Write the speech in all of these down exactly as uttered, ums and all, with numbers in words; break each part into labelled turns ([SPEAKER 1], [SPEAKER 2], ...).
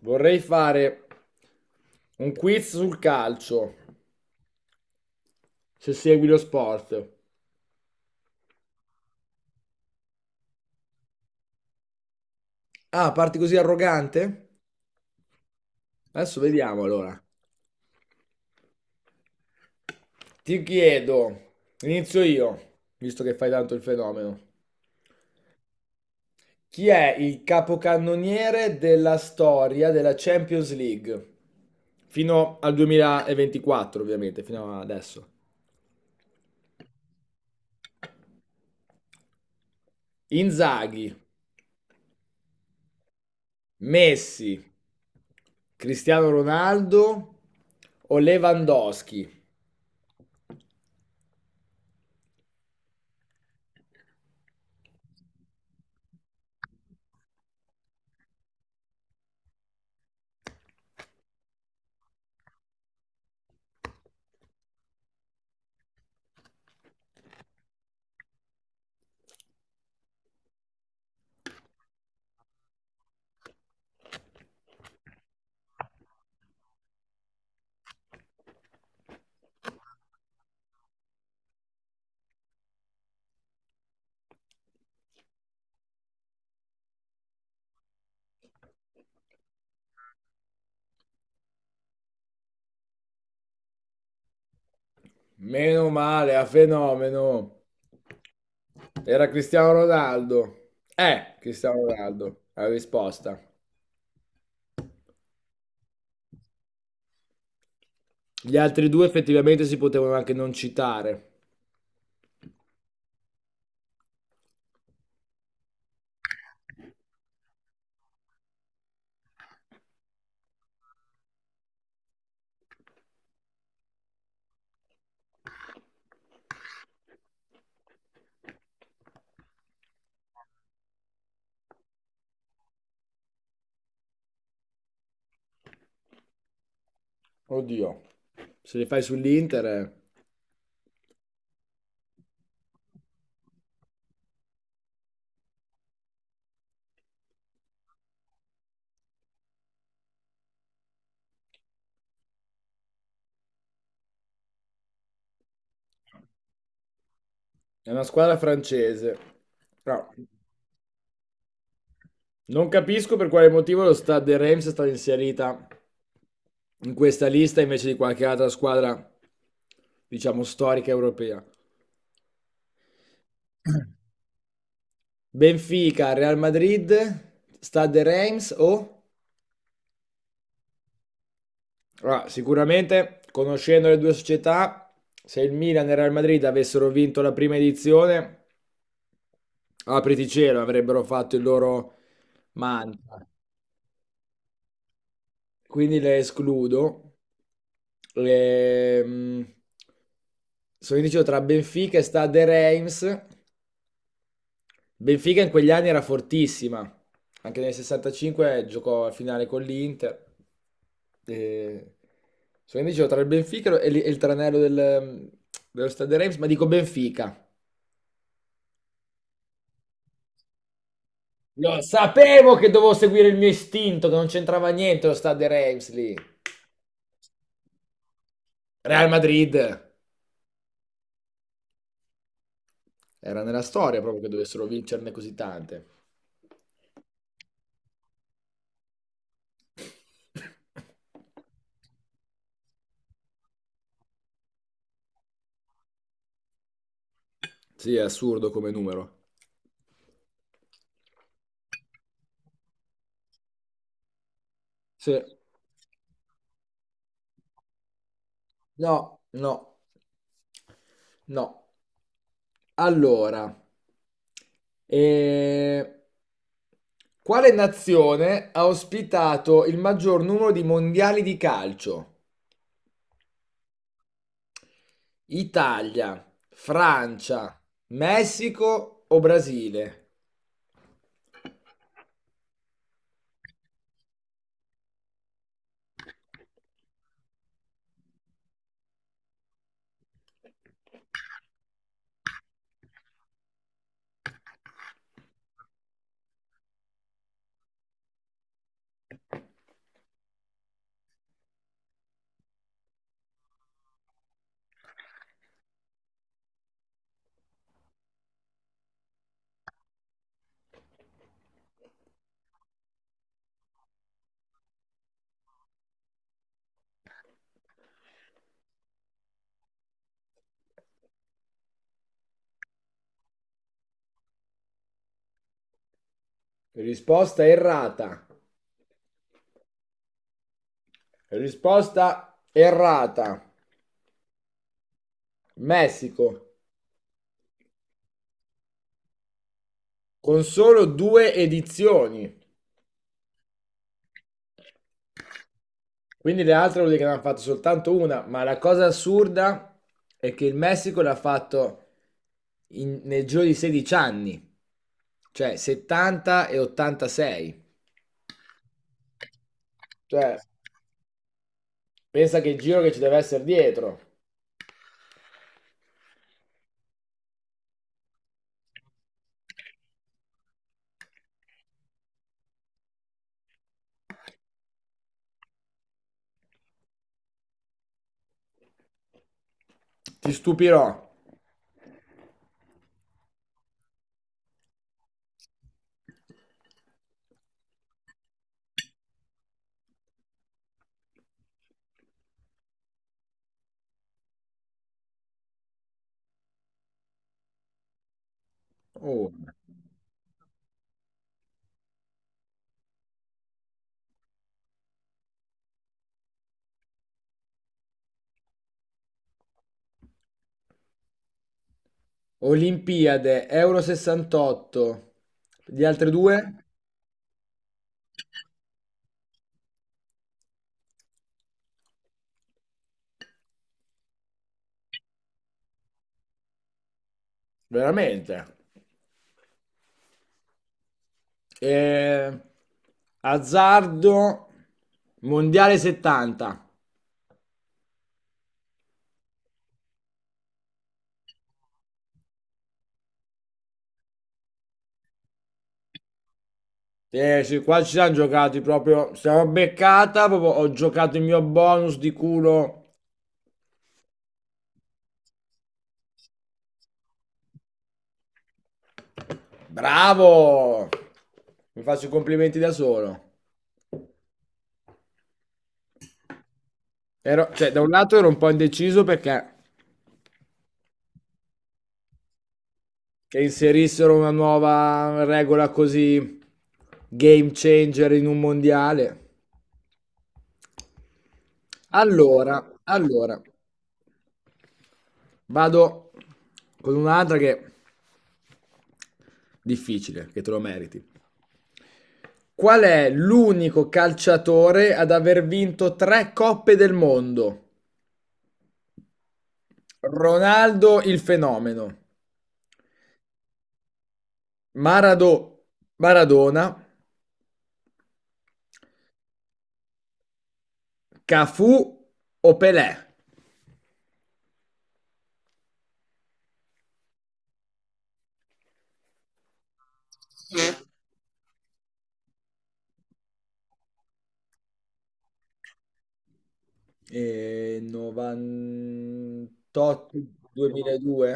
[SPEAKER 1] Vorrei fare un quiz sul calcio, se segui lo sport. Ah, parti così arrogante? Adesso vediamo allora. Ti chiedo, inizio io, visto che fai tanto il fenomeno. Chi è il capocannoniere della storia della Champions League? Fino al duemilaventiquattro, ovviamente, fino adesso. Inzaghi, Messi, Cristiano Ronaldo o Lewandowski? Meno male, a fenomeno. Era Cristiano Ronaldo. Eh, Cristiano Ronaldo, la risposta. Gli altri due effettivamente si potevano anche non citare. Oddio, se li fai sull'Inter eh. È una squadra francese. Però non capisco per quale motivo lo Stade Reims è stata inserita in questa lista invece di qualche altra squadra, diciamo, storica europea. Benfica, Real Madrid, Stade Reims o... Allora, sicuramente, conoscendo le due società, se il Milan e il Real Madrid avessero vinto la prima edizione, apriti cielo, avrebbero fatto il loro mantra. Quindi le escludo. Ehm, sono indeciso tra Benfica e Stade Reims. Benfica in quegli anni era fortissima, anche nel sessantacinque giocò a finale con l'Inter. E... So, quindi dicevo tra il Benfica e l- e il tranello del, dello Stade Reims, ma dico Benfica. Lo sapevo che dovevo seguire il mio istinto, che non c'entrava niente lo Stade Reims lì. Real Madrid era nella storia proprio che dovessero vincerne così tante. Sì, è assurdo come numero. Sì. No, no, no. Allora, eh, quale nazione ha ospitato il maggior numero di mondiali di calcio? Italia, Francia, Messico o Brasile? Risposta errata. Risposta errata. Messico, con solo due edizioni. Quindi le altre vuol dire che ne hanno fatto soltanto una, ma la cosa assurda è che il Messico l'ha fatto in- nel giro di sedici anni, cioè settanta e ottantasei. Cioè, pensa che il giro che ci deve essere dietro. Ti stupirò. Oh. Olimpiade, Euro sessantotto, gli altri due? Veramente. Eh, azzardo, Mondiale settanta. Eh sì, qua ci siamo giocati proprio. Siamo beccata, proprio ho giocato il mio bonus di culo. Bravo! Mi faccio i complimenti da solo. Ero- cioè, da un lato ero un po' indeciso perché che inserissero una nuova regola così game changer in un mondiale. Allora, allora, vado con un'altra che è difficile, che te lo meriti. Qual è l'unico calciatore ad aver vinto tre Coppe del Mondo? Ronaldo il fenomeno, Marado- Maradona, Cafù o Pelé? Eh, novantotto-duemiladue.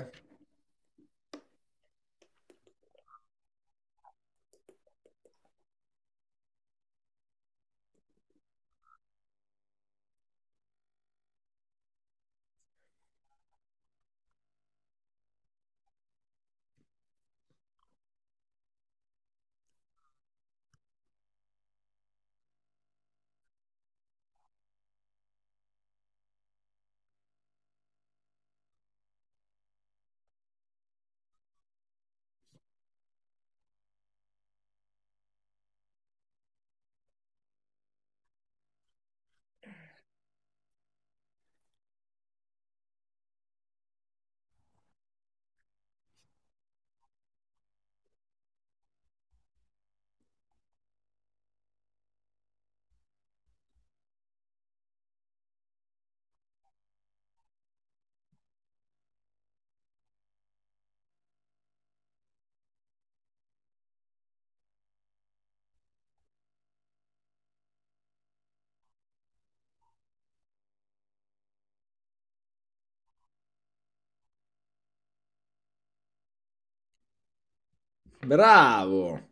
[SPEAKER 1] Bravo,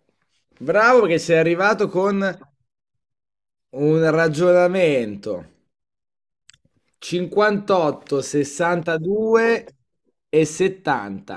[SPEAKER 1] bravo che sei arrivato con un ragionamento. cinquantotto, sessantadue e settanta.